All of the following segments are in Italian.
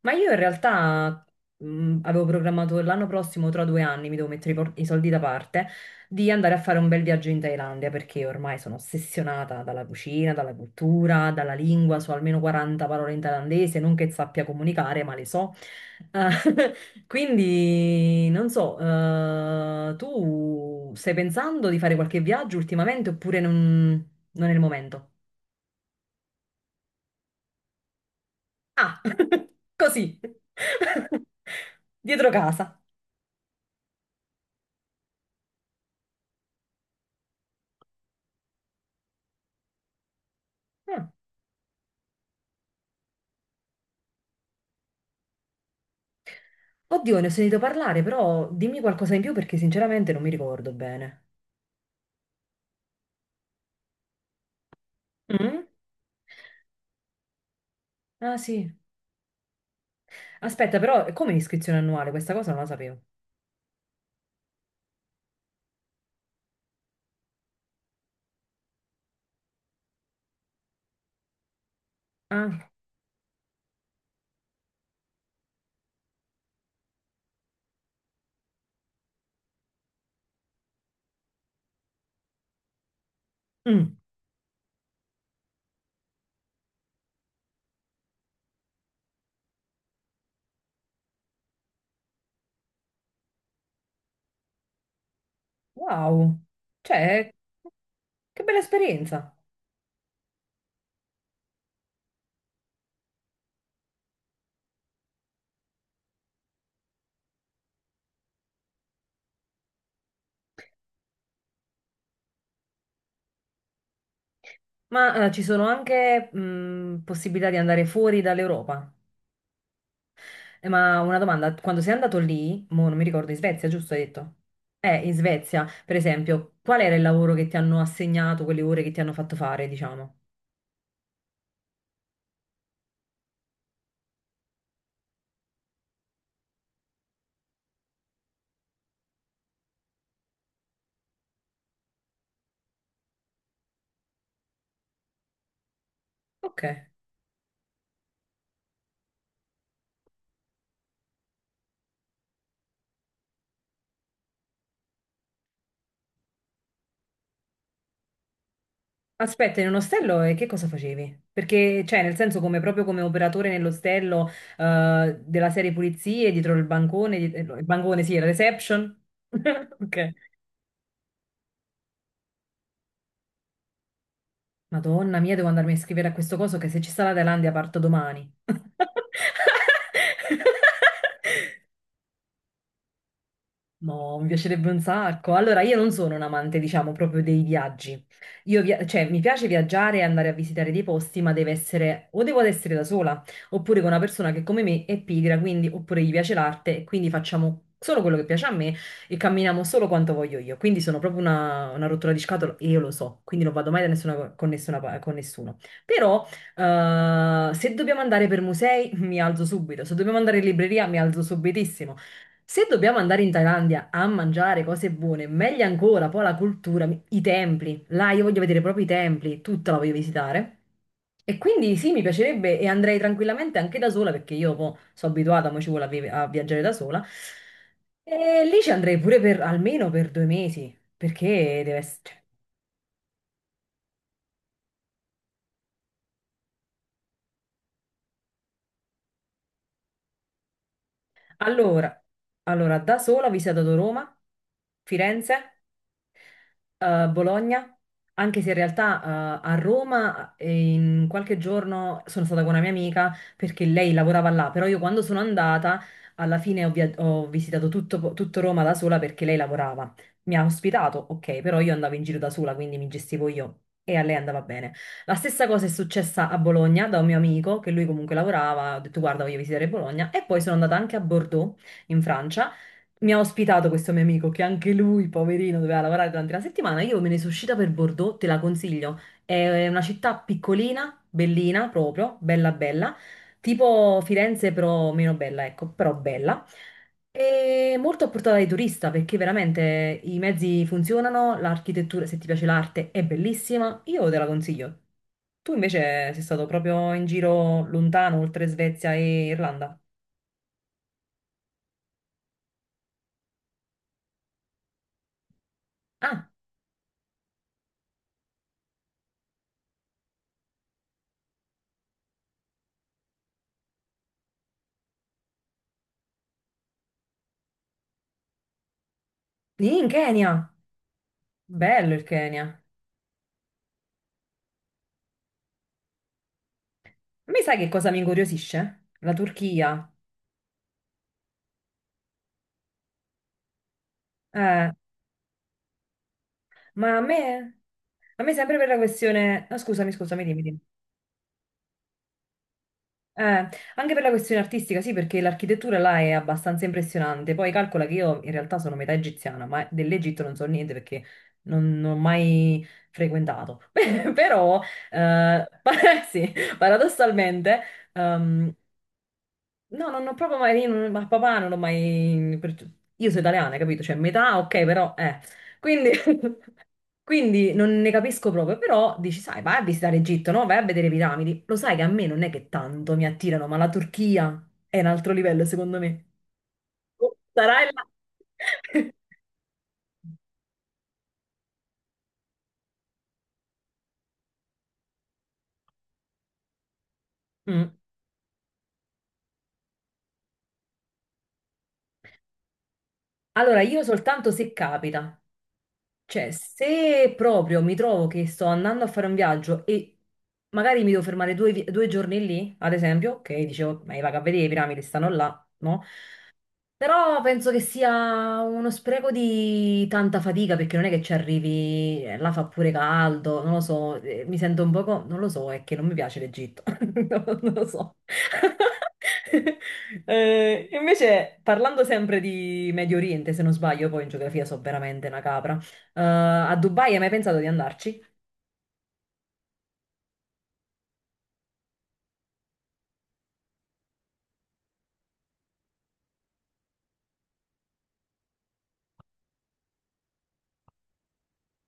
Ma io in realtà avevo programmato per l'anno prossimo, tra due anni, mi devo mettere i, i soldi da parte, di andare a fare un bel viaggio in Thailandia perché ormai sono ossessionata dalla cucina, dalla cultura, dalla lingua, so almeno 40 parole in thailandese, non che sappia comunicare, ma le so. Eh, quindi non so, tu stai pensando di fare qualche viaggio ultimamente oppure non è il momento? Ah, così, dietro casa. Ah. Oddio, ne ho sentito parlare, però dimmi qualcosa in più perché sinceramente non mi ricordo bene. Mm? Ah sì. Aspetta, però come iscrizione annuale? Questa cosa non la sapevo. Ah. Mm. Wow. Cioè, che bella esperienza. Ma ci sono anche possibilità di andare fuori dall'Europa. Ma una domanda, quando sei andato lì, mo non mi ricordo, in Svezia, giusto hai detto? In Svezia, per esempio, qual era il lavoro che ti hanno assegnato, quelle ore che ti hanno fatto fare, diciamo? Ok. Aspetta, in un ostello e che cosa facevi? Perché, cioè, nel senso, come proprio come operatore nell'ostello della serie pulizie, dietro il bancone, no, il bancone, sì, la reception. Ok. Madonna mia, devo andarmi a scrivere a questo coso che se ci sta la Thailandia parto domani. No, mi piacerebbe un sacco. Allora, io non sono un amante, diciamo, proprio dei viaggi. Cioè, mi piace viaggiare e andare a visitare dei posti, ma deve essere, o devo ad essere da sola, oppure con una persona che come me è pigra, quindi, oppure gli piace l'arte, e quindi facciamo solo quello che piace a me e camminiamo solo quanto voglio io. Quindi sono proprio una rottura di scatole e io lo so, quindi non vado mai da con nessuno. Però, se dobbiamo andare per musei, mi alzo subito. Se dobbiamo andare in libreria, mi alzo subitissimo. Se dobbiamo andare in Thailandia a mangiare cose buone, meglio ancora, poi la cultura, i templi. Là io voglio vedere proprio i templi, tutta la voglio visitare. E quindi sì, mi piacerebbe e andrei tranquillamente anche da sola perché io poi sono abituata, mo ci vuole a viaggiare da sola. E lì ci andrei pure per almeno per due mesi, perché deve essere. Allora, allora, da sola ho visitato Roma, Firenze, Bologna, anche se in realtà a Roma in qualche giorno sono stata con una mia amica perché lei lavorava là, però io quando sono andata alla fine ho visitato tutto Roma da sola perché lei lavorava. Mi ha ospitato, ok, però io andavo in giro da sola, quindi mi gestivo io e a lei andava bene. La stessa cosa è successa a Bologna da un mio amico che lui comunque lavorava, ho detto guarda voglio visitare Bologna e poi sono andata anche a Bordeaux in Francia. Mi ha ospitato questo mio amico che anche lui, poverino, doveva lavorare durante la settimana. Io me ne sono uscita per Bordeaux, te la consiglio. È una città piccolina, bellina proprio, bella bella, tipo Firenze però meno bella, ecco, però bella. È molto a portata di turista perché veramente i mezzi funzionano, l'architettura, se ti piace l'arte, è bellissima, io te la consiglio. Tu invece sei stato proprio in giro lontano, oltre Svezia e Irlanda. Ah, in Kenya! Bello il Kenya. A me sai che cosa mi incuriosisce? La Turchia. Eh, ma a me sempre per la questione... ah, scusami, scusami, dimmi, dimmi. Eh, anche per la questione artistica, sì, perché l'architettura là è abbastanza impressionante. Poi calcola che io in realtà sono metà egiziana, ma dell'Egitto non so niente perché non ho mai frequentato. Però, sì, paradossalmente, ehm, no, non ho proprio mai, io non- ma papà non ho mai, io sono italiana, capito? Cioè, metà, ok, però, eh. Quindi, quindi non ne capisco proprio, però dici, sai, vai a visitare Egitto, no? Vai a vedere le piramidi. Lo sai che a me non è che tanto mi attirano, ma la Turchia è un altro livello, secondo me. Oh, Sarai là. Mm. Allora, io soltanto se capita. Cioè, se proprio mi trovo che sto andando a fare un viaggio e magari mi devo fermare due giorni lì, ad esempio, ok, dicevo, ma io vado a vedere le piramidi, stanno là, no? Però penso che sia uno spreco di tanta fatica perché non è che ci arrivi, là fa pure caldo, non lo so, mi sento un poco, non lo so, è che non mi piace l'Egitto, non lo so. Invece, parlando sempre di Medio Oriente, se non sbaglio, poi in geografia so veramente una capra, a Dubai hai mai pensato di andarci?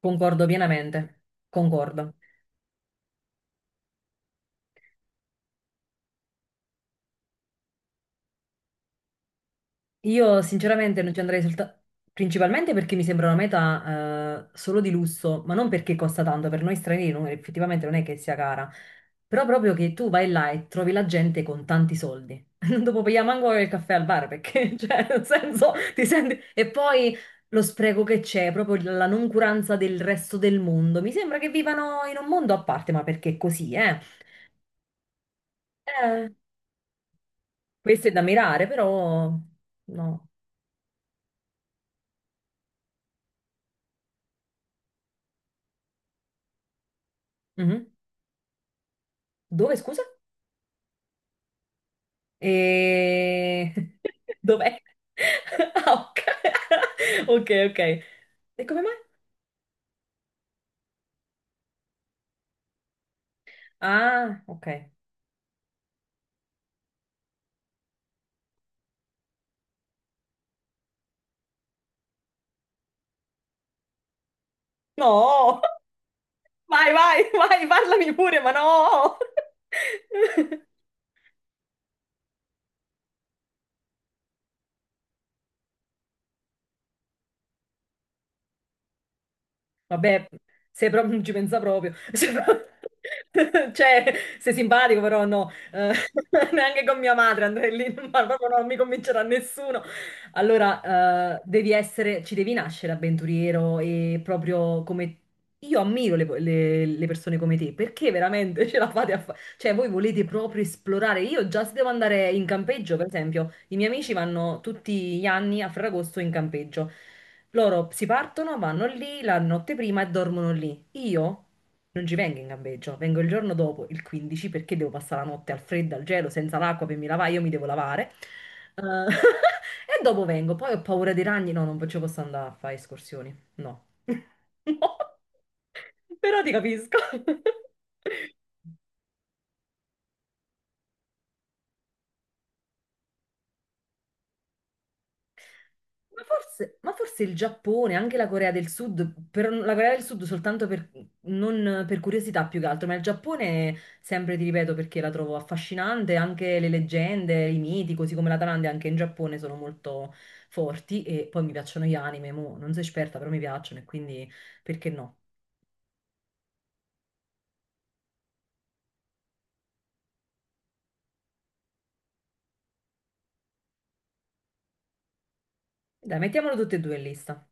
Concordo pienamente, concordo. Io sinceramente non ci andrei soltanto principalmente perché mi sembra una meta solo di lusso, ma non perché costa tanto, per noi stranieri effettivamente non è che sia cara, però proprio che tu vai là e trovi la gente con tanti soldi. Non dopo pagare manco il caffè al bar perché, cioè, nel senso, ti senti... E poi lo spreco che c'è, proprio la noncuranza del resto del mondo. Mi sembra che vivano in un mondo a parte, ma perché è così, eh? Eh, questo è da mirare, però... No. Mhm. Dove, scusa? E... Dov'è? Ah, ok, ok. E come mai? Ah, ok. No! Vai, vai, vai, parlami pure, ma no! Vabbè, se proprio non ci pensa proprio. Se pro- Cioè, sei simpatico, però no. Neanche con mia madre andrei lì, ma proprio non mi convincerà nessuno. Allora, devi essere, ci devi nascere avventuriero e proprio come... Io ammiro le, le persone come te, perché veramente ce la fate a fare? Cioè, voi volete proprio esplorare. Io già se devo andare in campeggio, per esempio. I miei amici vanno tutti gli anni a Ferragosto in campeggio. Loro si partono, vanno lì la notte prima e dormono lì. Io non ci vengo in campeggio, vengo il giorno dopo, il 15, perché devo passare la notte al freddo, al gelo, senza l'acqua per mi lavare, io mi devo lavare. Eh, e dopo vengo, poi ho paura dei ragni, no, non ci posso andare a fare escursioni, no. No. Però ti capisco. Ma forse il Giappone, anche la Corea del Sud, la Corea del Sud soltanto per, non per curiosità più che altro, ma il Giappone sempre ti ripeto perché la trovo affascinante, anche le leggende, i miti, così come la Thailandia, anche in Giappone sono molto forti e poi mi piacciono gli anime, mo, non sono esperta però mi piacciono e quindi perché no? Dai, mettiamolo tutte e due in lista.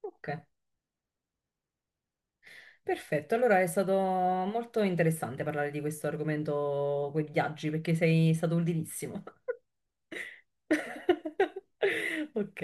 Ok, perfetto, allora è stato molto interessante parlare di questo argomento con i viaggi perché sei stato utilissimo. Ok.